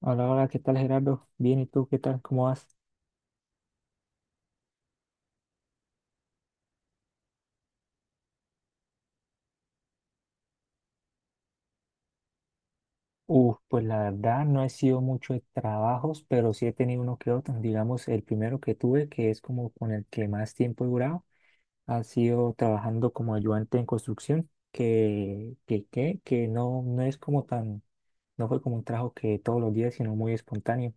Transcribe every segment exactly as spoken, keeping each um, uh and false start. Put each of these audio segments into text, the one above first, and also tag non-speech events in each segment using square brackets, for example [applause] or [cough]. Hola, hola, ¿qué tal Gerardo? Bien, ¿y tú qué tal? ¿Cómo vas? Uf, pues la verdad no he sido mucho de trabajos, pero sí he tenido uno que otro. Digamos, el primero que tuve, que es como con el que más tiempo he durado, ha sido trabajando como ayudante en construcción, que, que, que, que no, no es como tan, no fue como un trabajo que todos los días, sino muy espontáneo.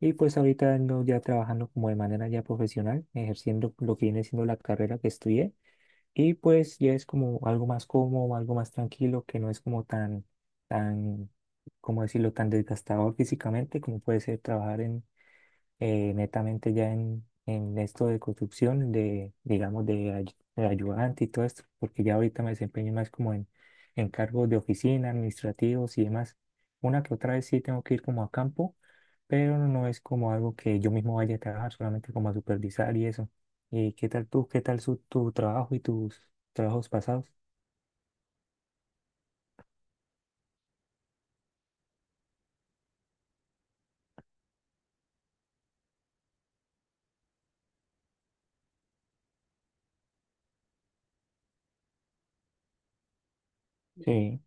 Y pues ahorita ando ya trabajando como de manera ya profesional, ejerciendo lo que viene siendo la carrera que estudié. Y pues ya es como algo más cómodo, algo más tranquilo, que no es como tan, tan, ¿cómo decirlo?, tan desgastador físicamente como puede ser trabajar en, eh, netamente ya en, en esto de construcción, de, digamos, de, ay- de ayudante y todo esto, porque ya ahorita me desempeño más como en, en cargos de oficina, administrativos y demás. Una que otra vez sí tengo que ir como a campo, pero no es como algo que yo mismo vaya a trabajar, solamente como a supervisar y eso. Eh, ¿qué tal tú? ¿Qué tal su, tu trabajo y tus trabajos pasados? Sí,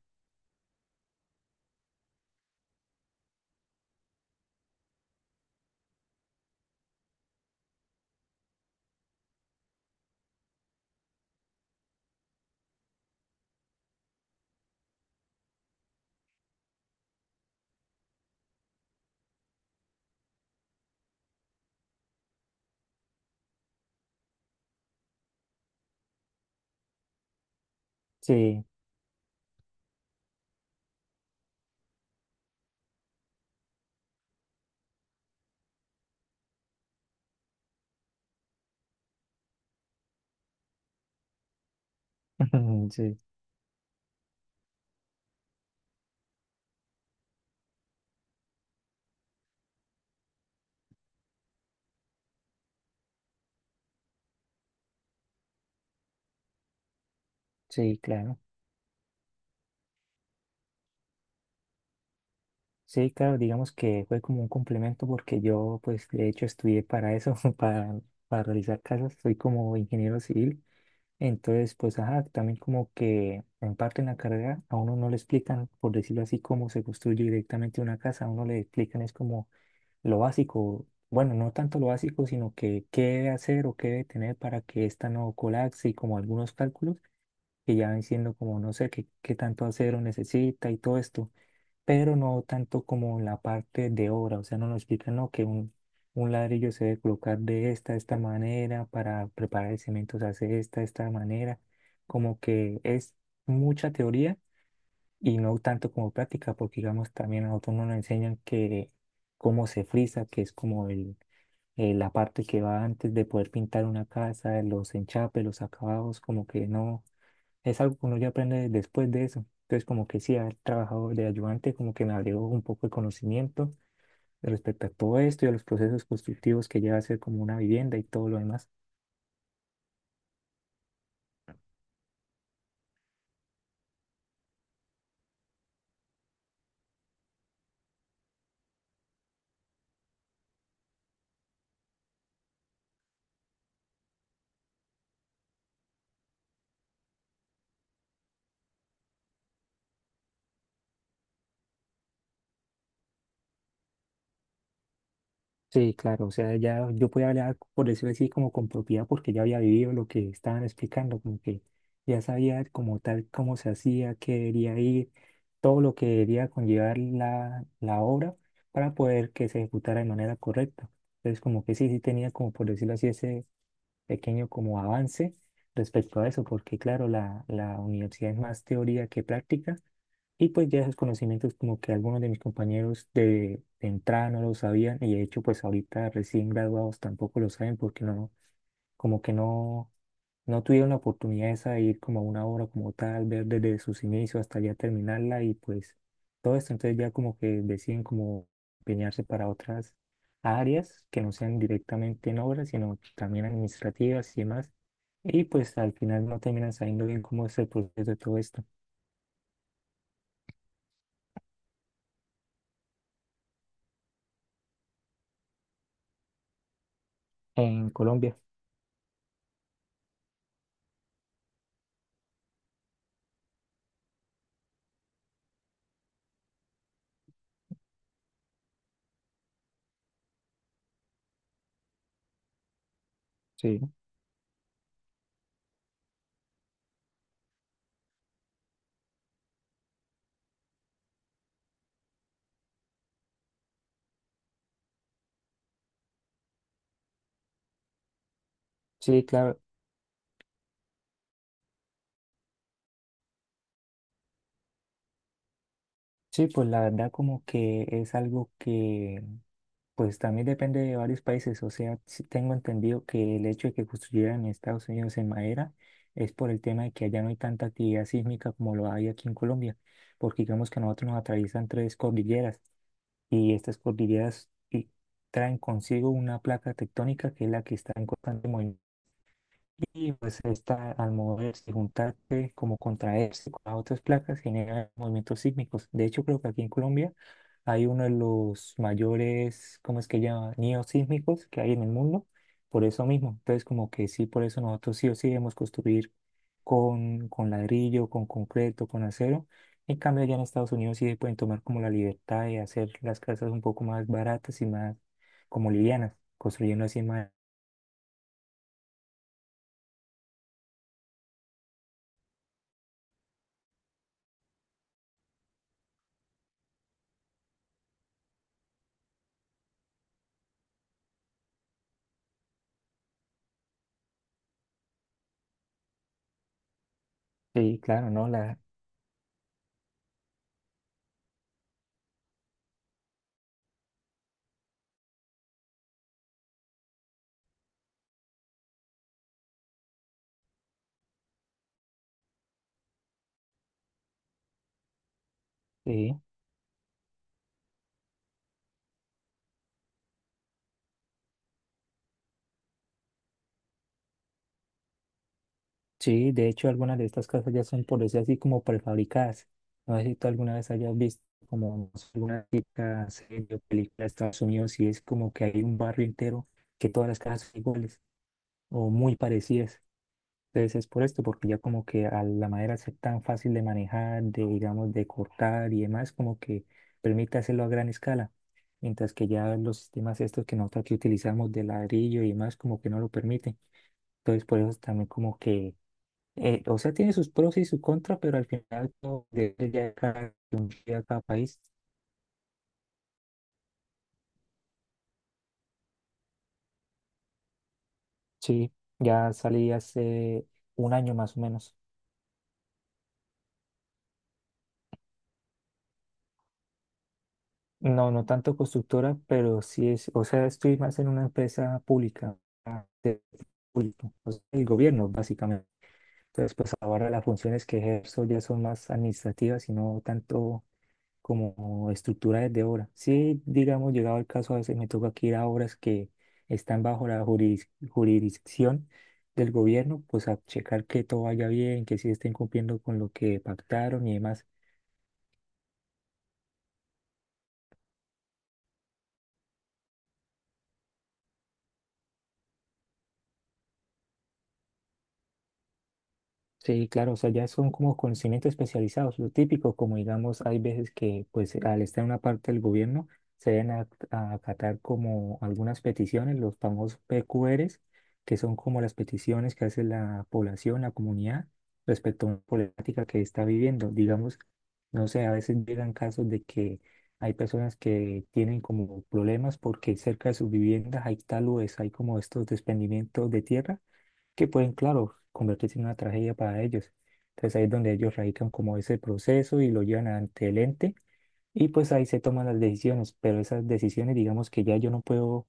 sí, [laughs] sí, sí, claro. Sí, claro, digamos que fue como un complemento porque yo, pues, de hecho, estudié para eso, [laughs] para, para realizar casas, soy como ingeniero civil. Entonces, pues, ajá, también como que en parte en la carrera a uno no le explican, por decirlo así, cómo se construye directamente una casa, a uno le explican es como lo básico, bueno, no tanto lo básico, sino que qué debe hacer o qué debe tener para que esta no colapse y como algunos cálculos que ya van siendo como no sé qué, qué tanto acero necesita y todo esto, pero no tanto como la parte de obra, o sea, no nos explican no, que un, un ladrillo se debe colocar de esta, esta manera, para preparar el cemento se hace de esta, esta manera, como que es mucha teoría y no tanto como práctica, porque digamos también a nosotros no nos enseñan que cómo se frisa, que es como el, eh, la parte que va antes de poder pintar una casa, los enchapes, los acabados, como que no, es algo que uno ya aprende después de eso. Entonces como que sí, haber trabajado de ayudante como que me abrió un poco el conocimiento respecto a todo esto y a los procesos constructivos que lleva a ser como una vivienda y todo lo demás. Sí, claro, o sea, ya yo podía hablar, por decirlo así, como con propiedad, porque ya había vivido lo que estaban explicando, como que ya sabía como tal cómo se hacía, qué debería ir, todo lo que debería conllevar la, la obra para poder que se ejecutara de manera correcta. Entonces, como que sí, sí tenía como, por decirlo así, ese pequeño como avance respecto a eso, porque claro, la, la universidad es más teoría que práctica y pues ya esos conocimientos como que algunos de mis compañeros de, de entrada no los sabían y de hecho pues ahorita recién graduados tampoco lo saben porque no, como que no, no tuvieron la oportunidad esa de ir como a una obra como tal, ver desde sus inicios hasta ya terminarla y pues todo esto entonces ya como que deciden como empeñarse para otras áreas que no sean directamente en obras sino también administrativas y demás y pues al final no terminan sabiendo bien cómo es el proceso de todo esto en Colombia. Sí. Sí, claro. Sí, pues la verdad como que es algo que pues también depende de varios países. O sea, sí tengo entendido que el hecho de que construyeran en Estados Unidos en madera es por el tema de que allá no hay tanta actividad sísmica como lo hay aquí en Colombia, porque digamos que a nosotros nos atraviesan tres cordilleras y estas cordilleras y- traen consigo una placa tectónica que es la que está en constante movimiento. Y pues esta, al moverse, juntarse, como contraerse con las otras placas, genera movimientos sísmicos. De hecho, creo que aquí en Colombia hay uno de los mayores, ¿cómo es que llama? Neosísmicos que hay en el mundo, por eso mismo. Entonces, como que sí, por eso nosotros sí o sí debemos construir con, con ladrillo, con concreto, con acero. En cambio, allá en Estados Unidos sí pueden tomar como la libertad de hacer las casas un poco más baratas y más como livianas, construyendo así más. Sí, claro, ¿no? La, sí. Sí, de hecho algunas de estas casas ya son por decir así como prefabricadas. No sé si tú alguna vez hayas visto como no sé, alguna típica serie o película de Estados Unidos y es como que hay un barrio entero que todas las casas son iguales o muy parecidas. Entonces es por esto, porque ya como que a la madera es tan fácil de manejar, de digamos de cortar y demás, como que permite hacerlo a gran escala. Mientras que ya los sistemas estos que nosotros aquí utilizamos de ladrillo y demás como que no lo permiten. Entonces por eso también como que eh, o sea, tiene sus pros y sus contras, pero al final todo depende ya de cada, de cada país. Sí, ya salí hace un año más o menos. No, no tanto constructora, pero sí es, o sea, estoy más en una empresa pública, ah, de- público, o sea, el gobierno básicamente. Entonces, pues ahora las funciones que ejerzo ya son más administrativas y no tanto como estructura desde obra. Sí, digamos, llegado el caso, a veces me toca que ir a obras que están bajo la juris- jurisdicción del gobierno, pues a checar que todo vaya bien, que sí estén cumpliendo con lo que pactaron y demás. Sí, claro, o sea, ya son como conocimientos especializados, lo típico, como digamos, hay veces que pues al estar en una parte del gobierno se deben a- a acatar como algunas peticiones, los famosos P Q Ros, que son como las peticiones que hace la población, la comunidad, respecto a una política que está viviendo. Digamos, no sé, a veces llegan casos de que hay personas que tienen como problemas porque cerca de sus viviendas hay taludes, hay como estos desprendimientos de tierra que pueden, claro, convertirse en una tragedia para ellos. Entonces ahí es donde ellos radican como ese proceso y lo llevan ante el ente y pues ahí se toman las decisiones, pero esas decisiones digamos que ya yo no puedo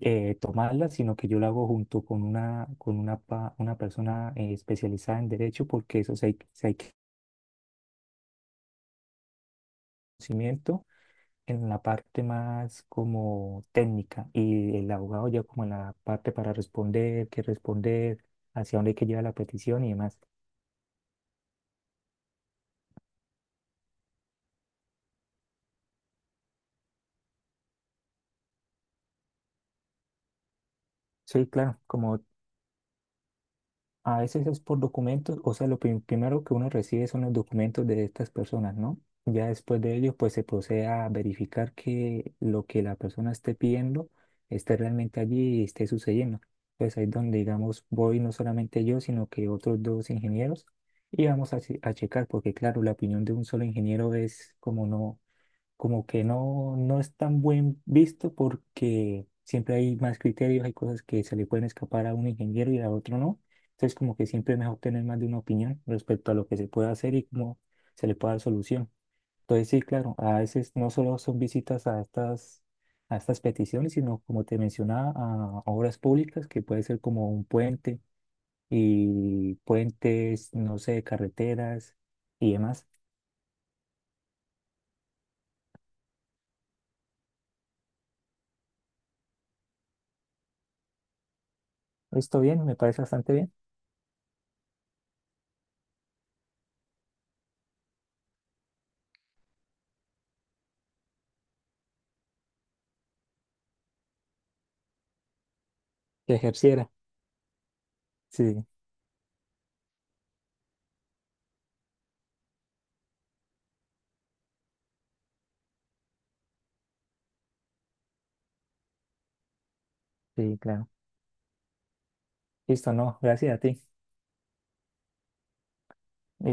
eh, tomarlas, sino que yo lo hago junto con una, con una, pa- una persona eh, especializada en derecho porque eso sí hay, sí hay conocimiento en la parte más como técnica y el abogado ya como en la parte para responder, qué responder, hacia dónde hay que llevar la petición y demás. Sí, claro, como A veces es por documentos, o sea, lo prim- primero que uno recibe son los documentos de estas personas, ¿no? Ya después de ello, pues se procede a verificar que lo que la persona esté pidiendo esté realmente allí y esté sucediendo. Pues ahí es donde, digamos, voy no solamente yo, sino que otros dos ingenieros y vamos a, che- a checar, porque claro, la opinión de un solo ingeniero es como no, como que no, no es tan buen visto porque siempre hay más criterios, hay cosas que se le pueden escapar a un ingeniero y a otro no. Entonces, como que siempre es mejor tener más de una opinión respecto a lo que se puede hacer y cómo se le puede dar solución. Entonces, sí, claro, a veces no solo son visitas a estas, a estas peticiones, sino como te mencionaba, a obras públicas, que puede ser como un puente y puentes, no sé, carreteras y demás. Esto bien, me parece bastante bien que ejerciera. Sí. Sí, claro. Listo, no, gracias a ti.